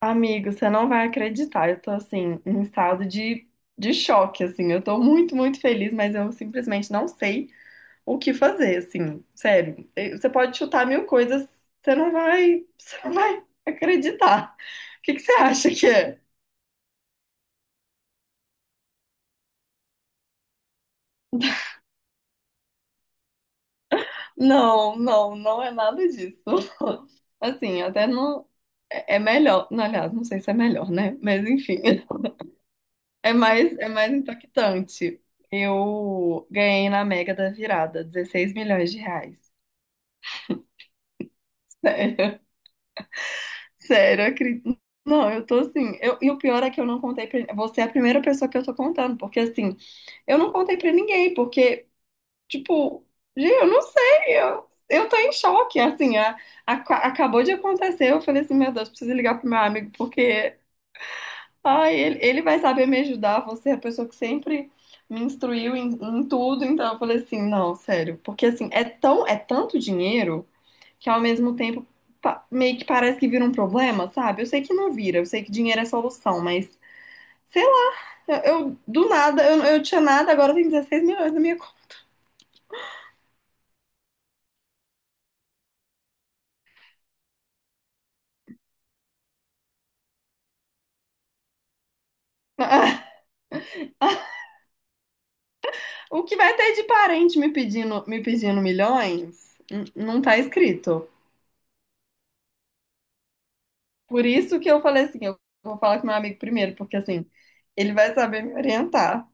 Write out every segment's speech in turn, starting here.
Amigo, você não vai acreditar. Eu tô assim, em um estado de choque, assim. Eu tô muito, muito feliz, mas eu simplesmente não sei o que fazer, assim. Sério, você pode chutar mil coisas, você não vai acreditar. O que que você acha que é? Não, não, não é nada disso. Assim, até não. É melhor. Não, aliás, não sei se é melhor, né? Mas enfim. É mais impactante. Eu ganhei na Mega da Virada 16 milhões de reais. Sério, sério, acredito. Não, eu tô assim. E o pior é que eu não contei pra. Você é a primeira pessoa que eu tô contando, porque assim, eu não contei pra ninguém, porque, tipo, gente, eu não sei, eu tô em choque. Assim, acabou de acontecer. Eu falei assim, meu Deus, preciso ligar pro meu amigo, porque ai, ele vai saber me ajudar. Você é a pessoa que sempre me instruiu em tudo. Então eu falei assim, não, sério. Porque assim, é tanto dinheiro que ao mesmo tempo meio que parece que vira um problema, sabe? Eu sei que não vira, eu sei que dinheiro é solução, mas sei lá, eu, do nada, eu tinha nada, agora tem 16 milhões na minha conta. O que vai ter de parente me pedindo milhões, não tá escrito. Por isso que eu falei assim, eu vou falar com meu amigo primeiro, porque assim, ele vai saber me orientar.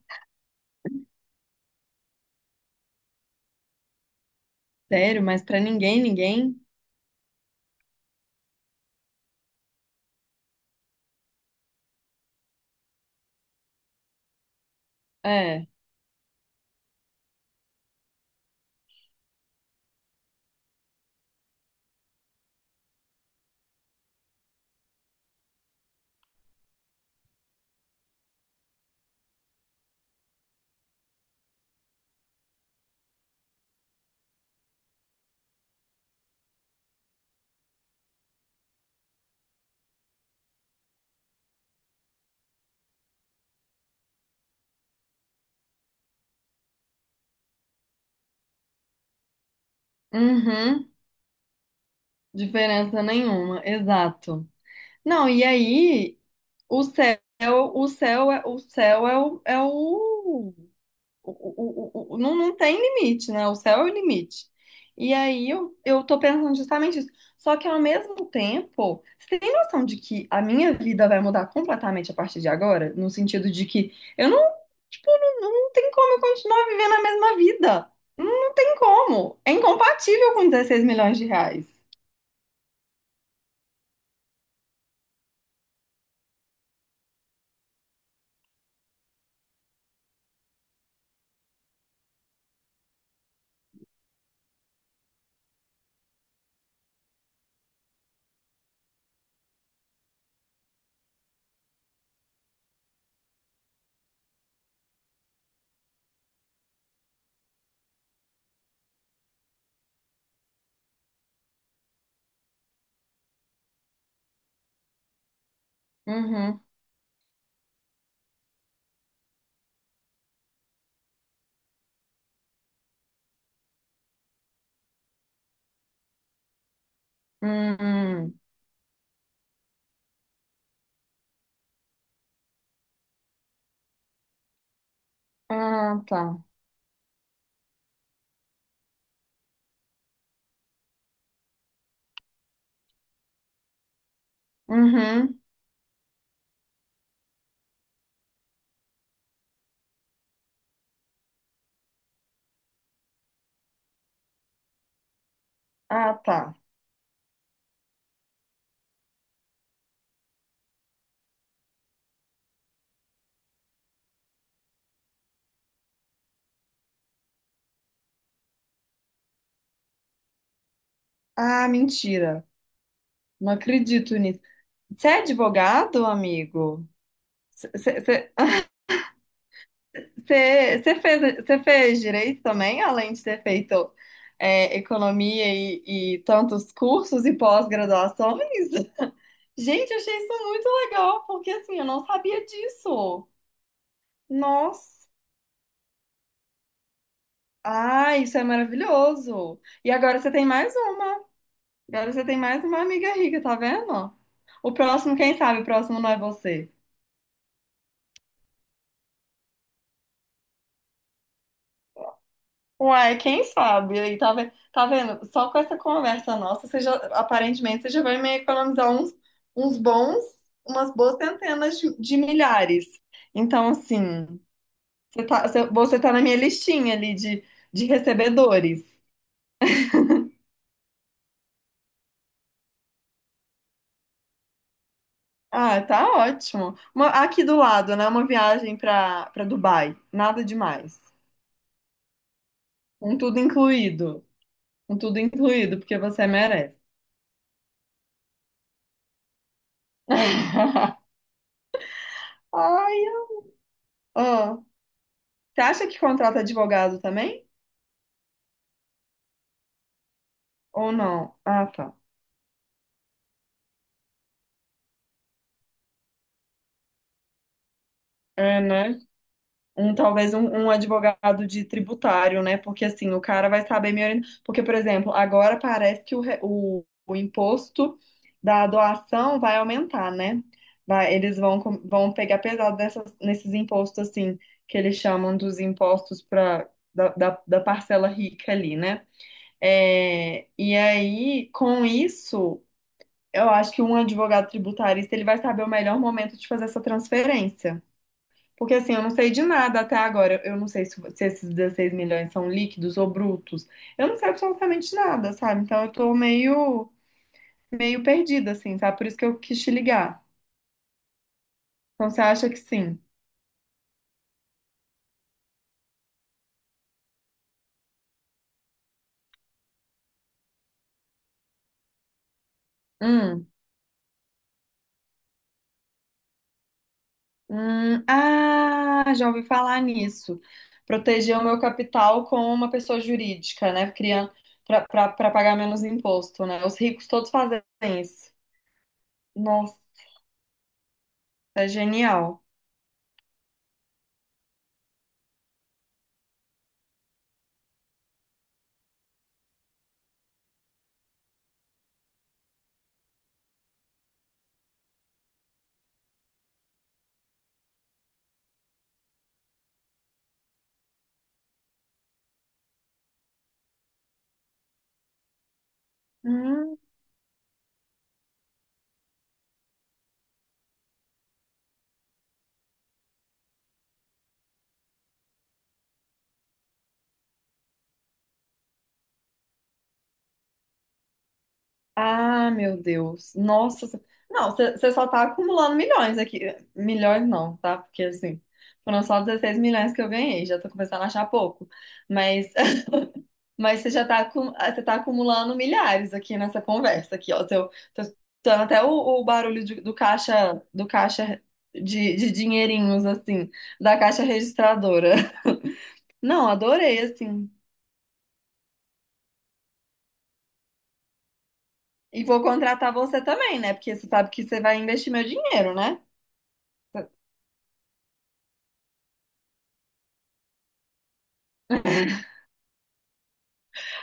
Sério, mas pra ninguém, ninguém. É. Uhum. Diferença nenhuma, exato. Não, e aí, o céu, o, é o- não, não tem limite, né? O céu é o limite. E aí eu tô pensando justamente isso. Só que ao mesmo tempo, você tem noção de que a minha vida vai mudar completamente a partir de agora? No sentido de que eu não, tipo, não, não tem como eu continuar vivendo a mesma vida. Não, não tem como. É incompatível com 16 milhões de reais. Uhum. Hum. Ah, tá. Uhum. Ah, tá. Ah, mentira. Não acredito. Você é advogado, amigo? Você fez, cê fez direito também, além de ter feito economia e tantos cursos e pós-graduações? Gente, eu achei isso muito legal, porque assim, eu não sabia disso. Nossa! Ah, isso é maravilhoso! E agora você tem mais uma. Agora você tem mais uma amiga rica, tá vendo? O próximo, quem sabe, o próximo não é você. Uai, quem sabe? Aí tá, tá vendo? Só com essa conversa nossa, aparentemente você já vai me economizar uns bons, umas boas centenas de milhares. Então, assim, você tá na minha listinha ali de recebedores. Ah, tá ótimo. Aqui do lado, né? Uma viagem para Dubai. Nada demais. Um tudo incluído. Um tudo incluído, porque você merece. Ai, ah, você acha que contrata advogado também? Ou não? Ah, tá. É, né? Talvez um advogado de tributário, né? Porque assim, o cara vai saber me orientar. Porque, por exemplo, agora parece que o imposto da doação vai aumentar, né? Vai, eles vão, vão pegar pesado nesses impostos, assim, que eles chamam dos impostos da parcela rica ali, né? É, e aí, com isso, eu acho que um advogado tributarista ele vai saber o melhor momento de fazer essa transferência. Porque assim, eu não sei de nada até agora. Eu não sei se, se esses 16 milhões são líquidos ou brutos. Eu não sei absolutamente nada, sabe? Então eu tô meio, meio perdida, assim, tá? Por isso que eu quis te ligar. Então você acha que sim? Hum, ah, já ouvi falar nisso. Proteger o meu capital com uma pessoa jurídica, né? Criando para pagar menos imposto, né? Os ricos todos fazem isso. Nossa, é genial. Hum. Ah, meu Deus. Nossa. Não, você só tá acumulando milhões aqui. Milhões não, tá? Porque assim, foram só 16 milhões que eu ganhei. Já tô começando a achar pouco. Mas mas você já tá, ah, você tá acumulando milhares aqui nessa conversa aqui, ó. Seu, tô escutando até o barulho do caixa de dinheirinhos, assim, da caixa registradora. Não, adorei, assim. E vou contratar você também, né? Porque você sabe que você vai investir meu dinheiro, né?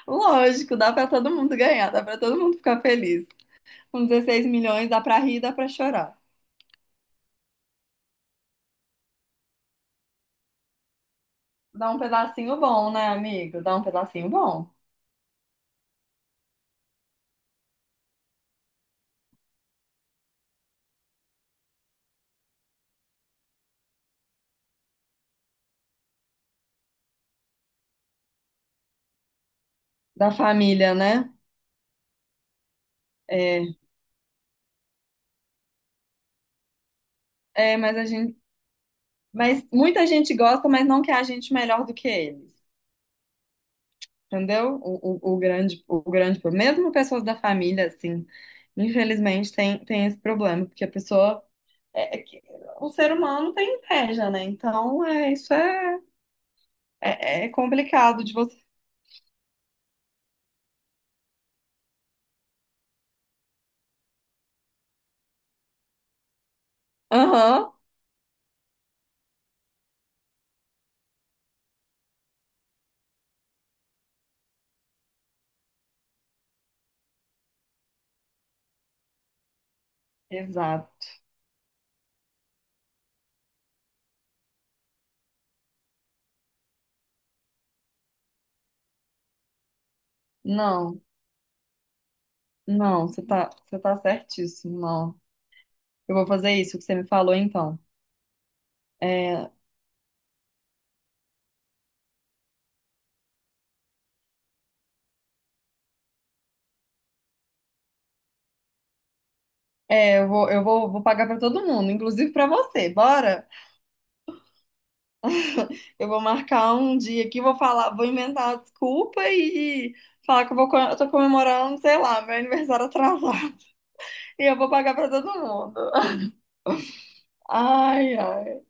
Lógico, dá pra todo mundo ganhar, dá pra todo mundo ficar feliz. Com 16 milhões dá pra rir, dá pra chorar. Dá um pedacinho bom, né, amigo? Dá um pedacinho bom da família, né? É, mas a gente, mas muita gente gosta, mas não quer a gente melhor do que eles, entendeu? O grande problema, mesmo pessoas da família, assim, infelizmente tem esse problema, porque a pessoa é que o ser humano tem inveja, né? Então, isso é complicado de você. Aham. Exato. Não, não, você tá certíssimo, não. Eu vou fazer isso que você me falou, então. É, eu vou, vou pagar pra todo mundo, inclusive pra você. Bora? Eu vou marcar um dia aqui, vou falar, vou inventar uma desculpa e falar que eu tô comemorando, sei lá, meu aniversário atrasado. E eu vou pagar pra todo mundo. Ai, ai.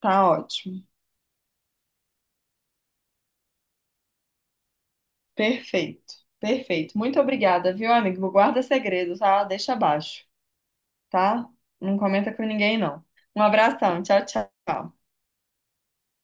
Tá ótimo. Perfeito. Perfeito. Muito obrigada, viu, amigo? Guarda segredo, tá? Deixa abaixo. Tá? Não comenta com ninguém, não. Um abração, tchau, tchau.